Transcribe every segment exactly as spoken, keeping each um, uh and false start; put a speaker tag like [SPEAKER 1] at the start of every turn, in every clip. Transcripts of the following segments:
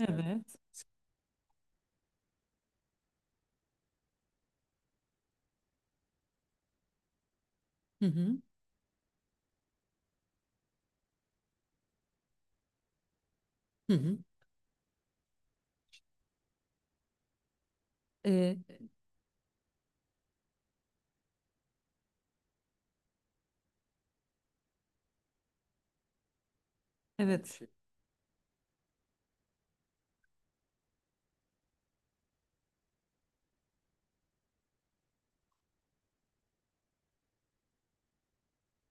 [SPEAKER 1] Evet. Hı hı. Hı hı. Ee, evet. Şey.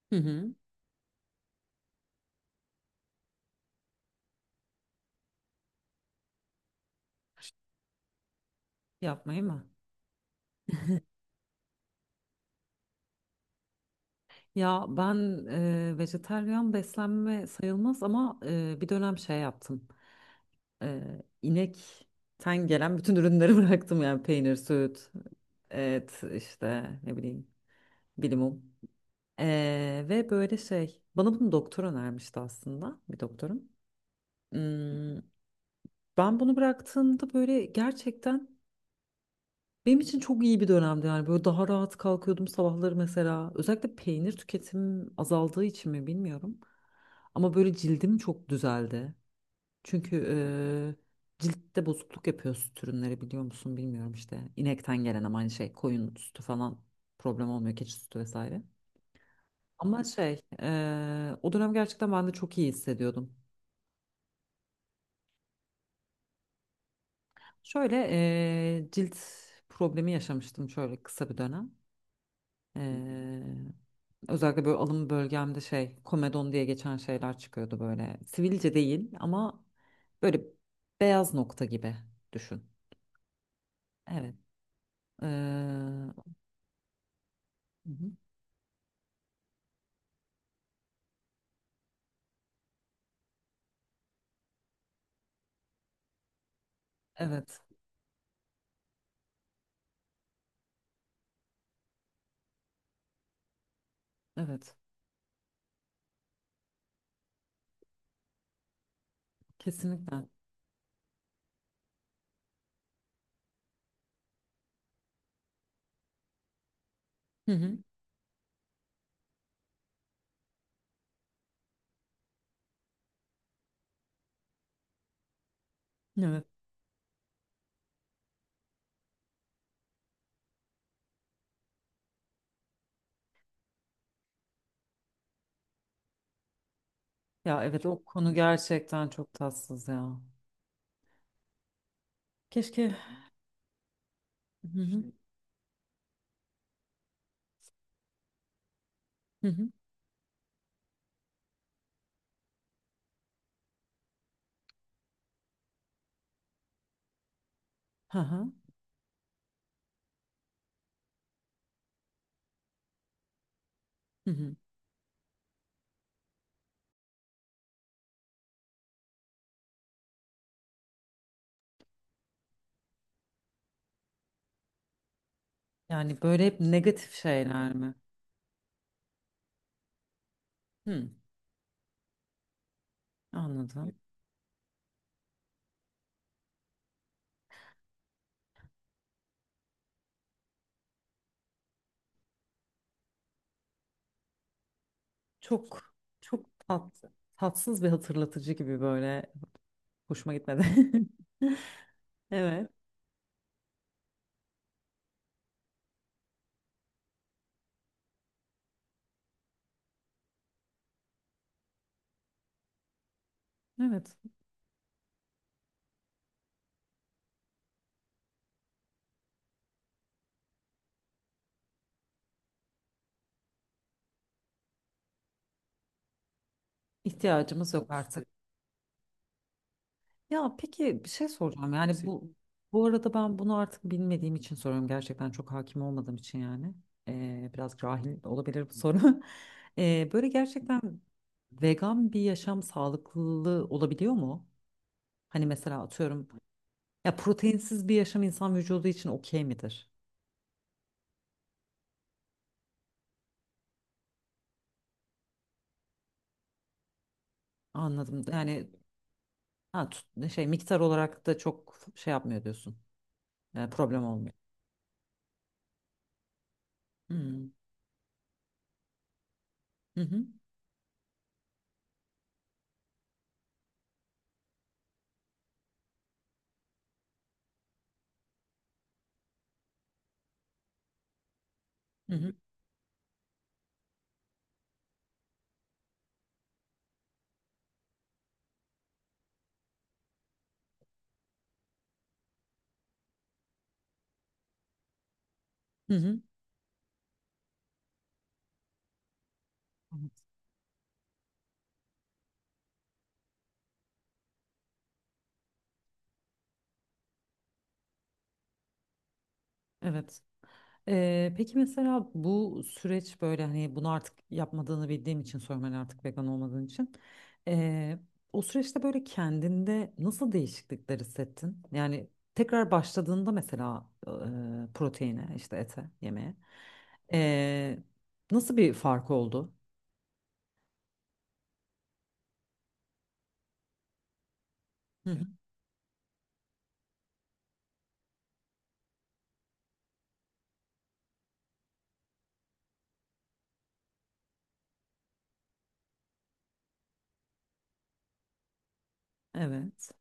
[SPEAKER 1] Hı hı. Yapmayı mı? Ya ben e, vejetaryen beslenme sayılmaz ama e, bir dönem şey yaptım. E, inekten gelen bütün ürünleri bıraktım yani peynir, süt, et işte ne bileyim bilimum. E, ve böyle şey bana bunu doktor önermişti aslında bir doktorum. Hmm, ben bunu bıraktığımda böyle gerçekten benim için çok iyi bir dönemdi yani böyle daha rahat kalkıyordum sabahları mesela. Özellikle peynir tüketimim azaldığı için mi bilmiyorum. Ama böyle cildim çok düzeldi. Çünkü e, ciltte bozukluk yapıyor süt ürünleri biliyor musun bilmiyorum işte. İnekten gelen ama aynı şey koyun sütü falan problem olmuyor keçi sütü vesaire. Ama şey e, o dönem gerçekten ben de çok iyi hissediyordum. Şöyle e, cilt problemi yaşamıştım şöyle kısa bir dönem. Ee, özellikle böyle alım bölgemde şey komedon diye geçen şeyler çıkıyordu böyle. Sivilce değil ama böyle beyaz nokta gibi düşün. Evet. Ee, Hı hı. Evet. Evet. Kesinlikle. Hı hı. Evet. Ya evet o konu gerçekten çok tatsız ya. Keşke. Hı hı. Hı hı. Hı hı. Hı hı. Yani böyle hep negatif şeyler mi? Hı. Anladım. Çok çok tat, tatsız bir hatırlatıcı gibi böyle hoşuma gitmedi. Evet. Evet. İhtiyacımız yok artık. Ya peki bir şey soracağım. Yani bu bu arada ben bunu artık bilmediğim için soruyorum. Gerçekten çok hakim olmadığım için yani. Ee, biraz cahil olabilir bu soru. Ee, böyle gerçekten vegan bir yaşam sağlıklı olabiliyor mu? Hani mesela atıyorum ya proteinsiz bir yaşam insan vücudu için okey midir? Anladım. Yani ha, tut- şey miktar olarak da çok şey yapmıyor diyorsun. Yani problem olmuyor. Hmm. Hı hı, hı hı, hı hı. Evet. Evet. Ee, peki mesela bu süreç böyle hani bunu artık yapmadığını bildiğim için sorayım hani artık vegan olmadığın için. Ee, o süreçte böyle kendinde nasıl değişiklikler hissettin? Yani tekrar başladığında mesela e, proteine işte ete yemeye ee, nasıl bir fark oldu? Hı hı. Evet.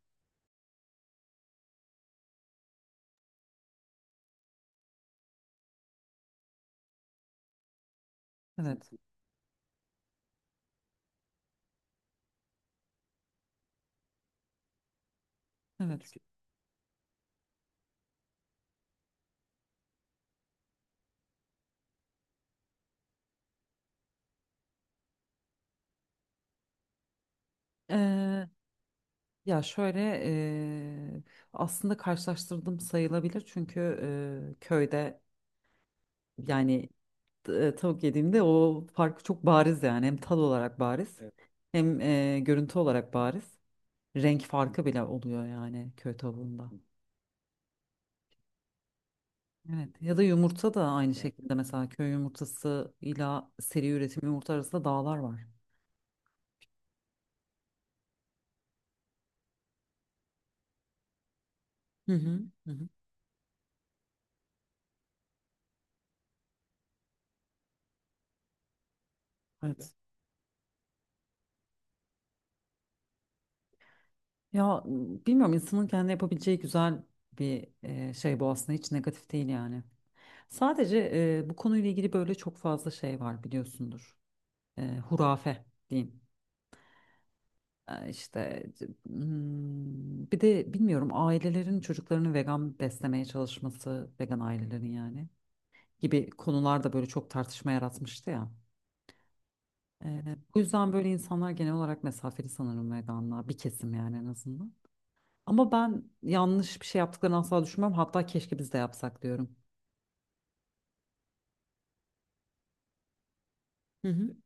[SPEAKER 1] Evet. Evet. Ya şöyle eee, aslında karşılaştırdım sayılabilir çünkü eee, köyde yani e, tavuk yediğimde o farkı çok bariz yani hem tad olarak bariz. Evet, hem eee, görüntü olarak bariz renk farkı bile oluyor yani köy tavuğunda. Evet, ya da yumurta da aynı evet şekilde mesela köy yumurtası ile seri üretim yumurta arasında dağlar var. Hı hı. Hı hı. Evet. Ya bilmiyorum insanın kendi yapabileceği güzel bir eee, şey bu aslında hiç negatif değil yani. Sadece e, bu konuyla ilgili böyle çok fazla şey var biliyorsundur. E, hurafe diyeyim. E, işte c- hmm, bir de bilmiyorum ailelerin çocuklarını vegan beslemeye çalışması, vegan ailelerin yani gibi konular da böyle çok tartışma yaratmıştı ya. E, bu yüzden böyle insanlar genel olarak mesafeli sanırım veganlığa bir kesim yani en azından. Ama ben yanlış bir şey yaptıklarını asla düşünmem. Hatta keşke biz de yapsak diyorum. Hı hı.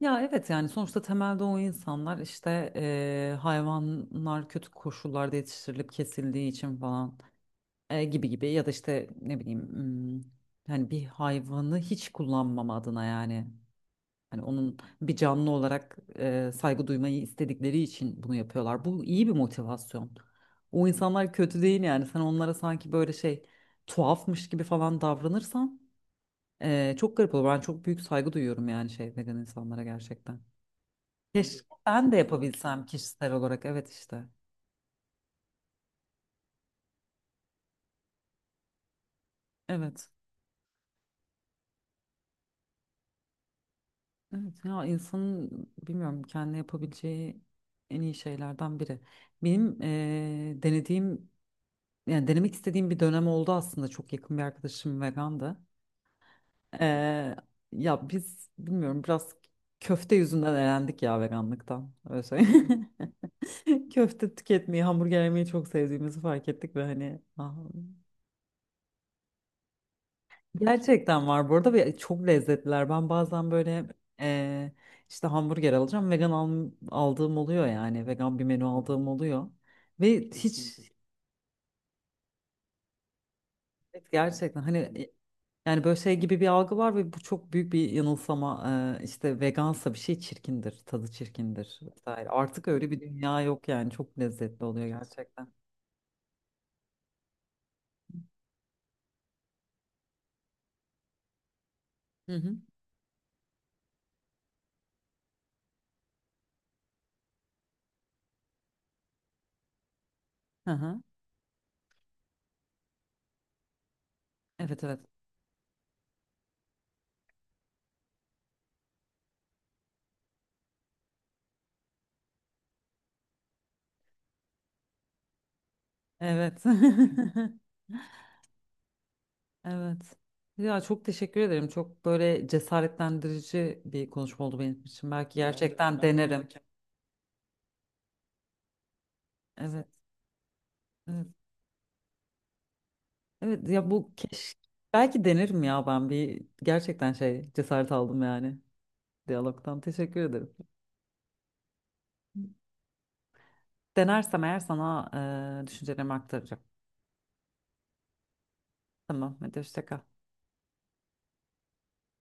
[SPEAKER 1] Ya evet yani sonuçta temelde o insanlar işte eee, hayvanlar kötü koşullarda yetiştirilip kesildiği için falan, eee, gibi gibi ya da işte ne bileyim, hmm, hani bir hayvanı hiç kullanmama adına yani hani onun bir canlı olarak eee, saygı duymayı istedikleri için bunu yapıyorlar. Bu iyi bir motivasyon. O insanlar kötü değil yani sen onlara sanki böyle şey tuhafmış gibi falan davranırsan eee, çok garip olur. Ben çok büyük saygı duyuyorum yani şey vegan insanlara gerçekten. Keşke ben de yapabilsem kişisel olarak. Evet işte. Evet. Evet ya insanın bilmiyorum kendi yapabileceği en iyi şeylerden biri. Benim eee, denediğim yani denemek istediğim bir dönem oldu aslında. Çok yakın bir arkadaşım vegandı. Eee, ya biz bilmiyorum biraz köfte yüzünden elendik ya veganlıktan. Öyle söyleyeyim. Köfte tüketmeyi, hamburger yemeyi çok sevdiğimizi fark ettik ve hani ah, gerçekten var burada ve çok lezzetliler. Ben bazen böyle eee, işte hamburger alacağım. Vegan al- aldığım oluyor yani. Vegan bir menü aldığım oluyor. Ve hiç kesinlikle. Evet, gerçekten hani e, yani böyle şey gibi bir algı var ve bu çok büyük bir yanılsama. Eee, işte vegansa bir şey çirkindir, tadı çirkindir vesaire. Artık öyle bir dünya yok yani. Çok lezzetli oluyor gerçekten. Hı hı. Hı hı. Evet, evet. Evet. Evet. Ya çok teşekkür ederim. Çok böyle cesaretlendirici bir konuşma oldu benim için. Belki rica ederim, gerçekten ben denerim. Evet. Evet. Evet ya bu keş, belki denerim ya ben bir gerçekten şey cesaret aldım yani diyalogtan. Teşekkür ederim. Denersem eğer sana e, düşüncelerimi aktaracağım. Tamam. Hadi hoşça kal.